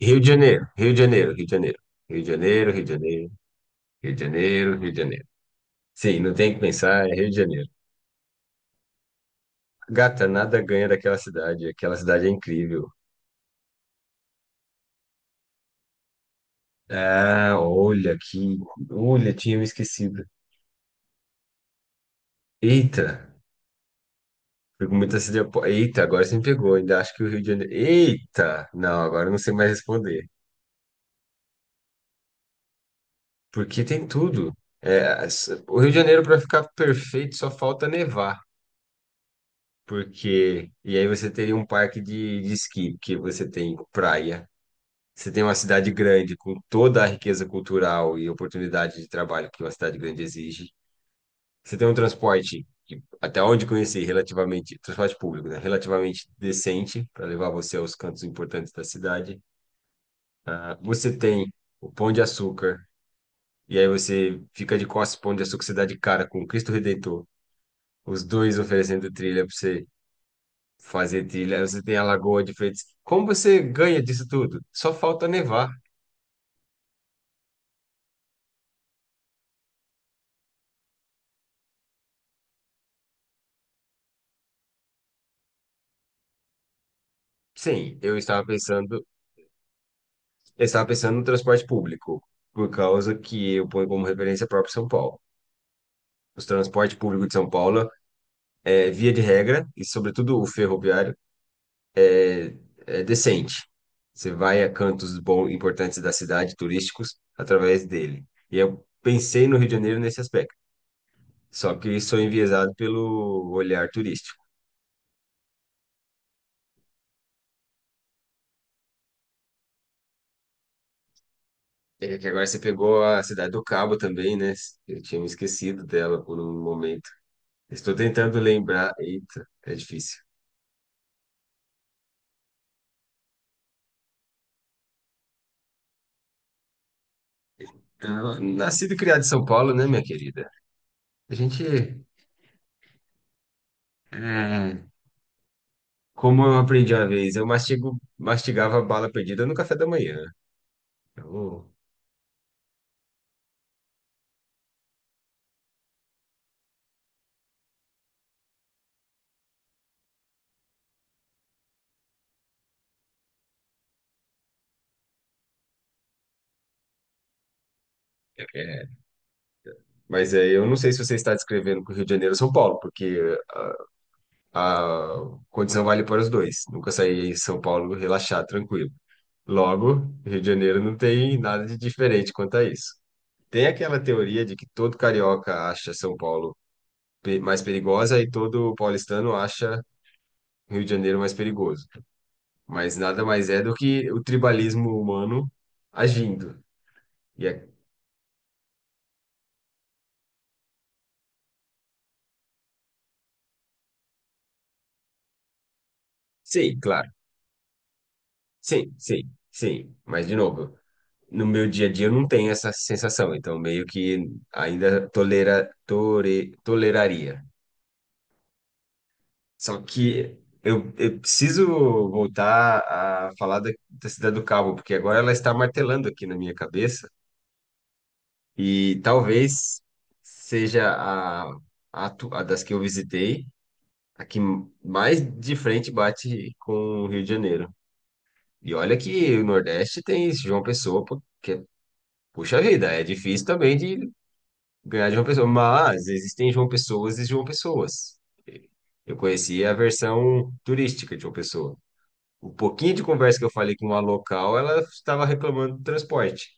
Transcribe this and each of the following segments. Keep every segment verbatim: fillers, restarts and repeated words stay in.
Rio de Janeiro, Rio de Janeiro, Rio de Janeiro, Rio de Janeiro, Rio de Janeiro, Rio de Janeiro, Rio de Janeiro. Sim, não tem que pensar, é Rio de Janeiro. Gata, nada ganha daquela cidade, aquela cidade é incrível. Ah, olha que, olha, tinha me esquecido. Eita, fui com muita sede. ao po- Eita, agora você me pegou, ainda acho que o Rio de Janeiro. Eita, não, agora eu não sei mais responder, porque tem tudo. É, as- o Rio de Janeiro, para ficar perfeito, só falta nevar. Porque. E aí você teria um parque de, de esqui, que você tem praia. Você tem uma cidade grande com toda a riqueza cultural e oportunidade de trabalho que uma cidade grande exige. Você tem um transporte, que, até onde conheci, relativamente, transporte público, né? Relativamente decente para levar você aos cantos importantes da cidade. Ah, você tem o Pão de Açúcar, e aí você fica de costas pro Pão de Açúcar, você dá de cara com o Cristo Redentor. Os dois oferecendo trilha para você fazer trilha, você tem a lagoa de feitos. Como você ganha disso tudo? Só falta nevar. Sim, eu estava pensando, eu estava pensando no transporte público, por causa que eu ponho como referência o próprio São Paulo. Os transportes públicos de São Paulo, é, via de regra, e sobretudo o ferroviário, é é decente. Você vai a cantos bons, importantes da cidade, turísticos, através dele. E eu pensei no Rio de Janeiro nesse aspecto. Só que sou enviesado pelo olhar turístico. É que agora você pegou a Cidade do Cabo também, né? Eu tinha me esquecido dela por um momento. Estou tentando lembrar. Eita, é difícil. Ah, nascido e criado em São Paulo, né, minha querida? A gente, é, como eu aprendi uma vez, eu mastigo, mastigava bala perdida no café da manhã. Então, é, mas é, eu não sei se você está descrevendo com o Rio de Janeiro ou São Paulo, porque a condição vale para os dois. Nunca saí em São Paulo relaxar, tranquilo. Logo, Rio de Janeiro não tem nada de diferente quanto a isso. Tem aquela teoria de que todo carioca acha São Paulo pe- mais perigosa e todo paulistano acha Rio de Janeiro mais perigoso. Mas nada mais é do que o tribalismo humano agindo. E é. Sim, claro. Sim, sim, sim. Mas, de novo, no meu dia a dia eu não tenho essa sensação. Então, meio que ainda tolera, tore, toleraria. Só que eu, eu preciso voltar a falar da, da Cidade do Cabo, porque agora ela está martelando aqui na minha cabeça. E talvez seja a, a, atu- a das que eu visitei, a que mais de frente bate com o Rio de Janeiro. E olha que o Nordeste tem isso, João Pessoa, pô, que puxa vida, é difícil também de ganhar de João Pessoa, mas existem João Pessoas e João Pessoas. Eu conheci a versão turística de João Pessoa. O pouquinho de conversa que eu falei com uma local, ela estava reclamando do transporte.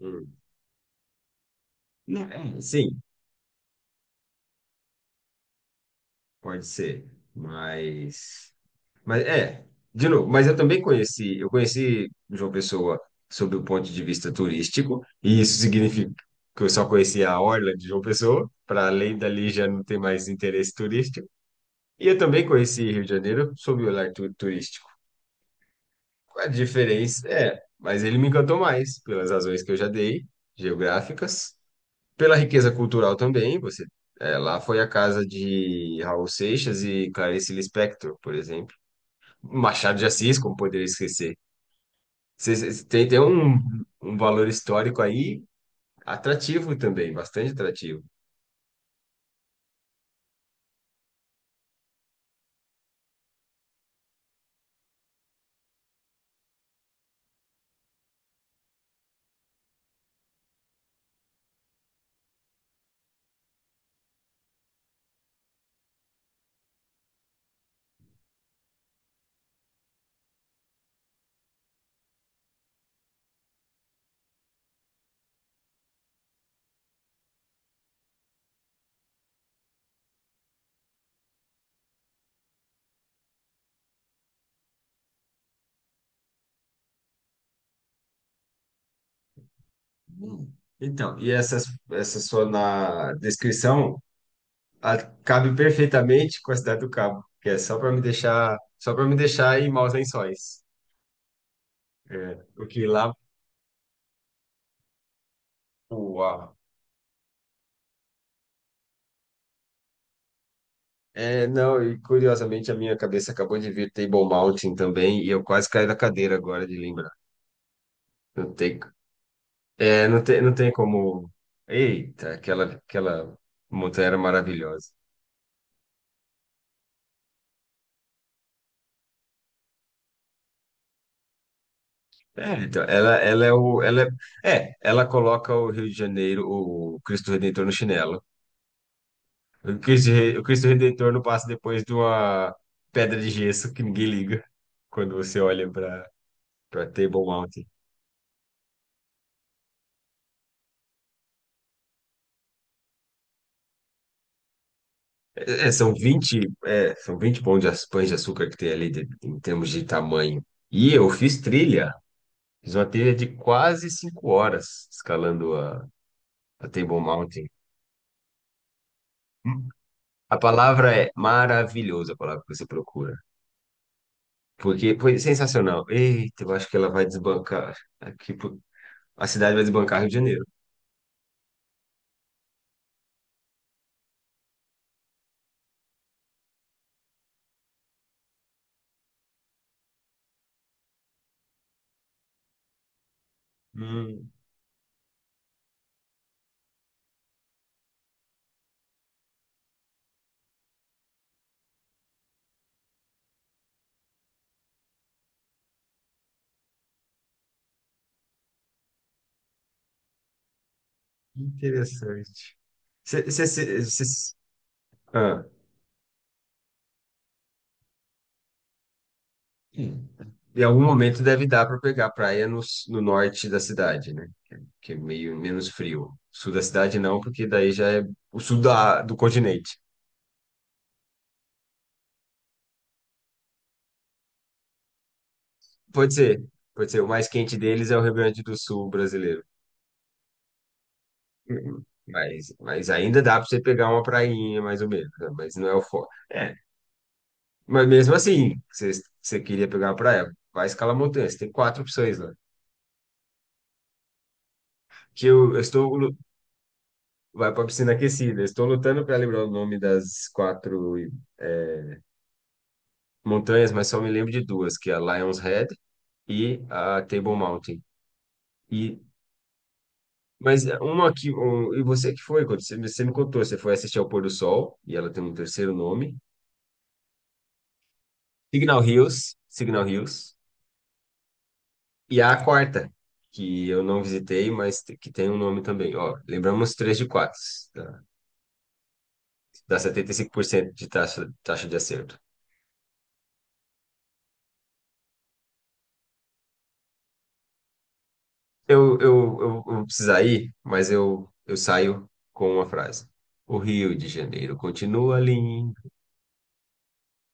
Hum. Né, é, sim, pode ser. Mas, mas é, de novo, mas eu também conheci, eu conheci João Pessoa sob o ponto de vista turístico, e isso significa que eu só conhecia a orla de João Pessoa, para além dali já não tem mais interesse turístico. E eu também conheci Rio de Janeiro sob o olhar tu- turístico. A diferença é, mas ele me encantou mais pelas razões que eu já dei, geográficas. Pela riqueza cultural também, você é, lá foi a casa de Raul Seixas e Clarice Lispector, por exemplo. Machado de Assis, como poderia esquecer. Cê- cê- Tem, tem um, um valor histórico aí atrativo também, bastante atrativo. Hum. Então, e essas, essa sua na descrição a- cabe perfeitamente com a Cidade do Cabo, que é só para me deixar, só para me deixar em maus lençóis. É, porque lá o, a. É, não, e curiosamente a minha cabeça acabou de vir Table Mountain também, e eu quase caí da cadeira agora de lembrar. Não tem, é, não tem, não tem como. Eita, aquela, aquela montanha era maravilhosa. É, então, ela, ela é o. Ela é, é, ela coloca o Rio de Janeiro, o Cristo Redentor no chinelo. O Cristo, Re- o Cristo Redentor não passa depois de uma pedra de gesso que ninguém liga quando você olha para para Table Mountain. É, é, são vinte é, são vinte pão de aç- pães de açúcar que tem ali de- em termos de tamanho. E eu fiz trilha, fiz uma trilha de quase cinco horas escalando a, a Table Mountain. Hum. A palavra é maravilhosa, a palavra que você procura. Porque foi sensacional. Eita, eu acho que ela vai desbancar. Aqui, pro- a cidade vai desbancar Rio de Janeiro. Hum, interessante. Você. Ah. Em algum momento deve dar para pegar a praia no, s- no norte da cidade, né? Que é, que é meio menos frio. Sul da cidade não, porque daí já é o sul da, do continente. Pode ser, pode ser. O mais quente deles é o Rio Grande do Sul brasileiro. Uhum. Mas, mas ainda dá para você pegar uma prainha, mais ou menos, né? Mas não é o foco. É. Mas mesmo assim, você, você queria pegar uma praia, vai escalar montanha. Você tem quatro opções lá. Que eu, eu estou. lu- Vai para piscina aquecida. Eu estou lutando para lembrar o nome das quatro. é, montanhas, mas só me lembro de duas, que é a Lion's Head e a Table Mountain. E mas é uma aqui um, e você que foi, quando você, me- você me contou, você foi assistir ao pôr do sol e ela tem um terceiro nome, Signal Hills, Signal Hills. E a quarta, que eu não visitei, mas te- que tem um nome também. Ó, lembramos três de quatro, tá? Dá setenta e cinco por cento de taxa, taxa de acerto. Eu, eu, eu, eu vou precisar ir, mas eu, eu saio com uma frase. O Rio de Janeiro continua lindo.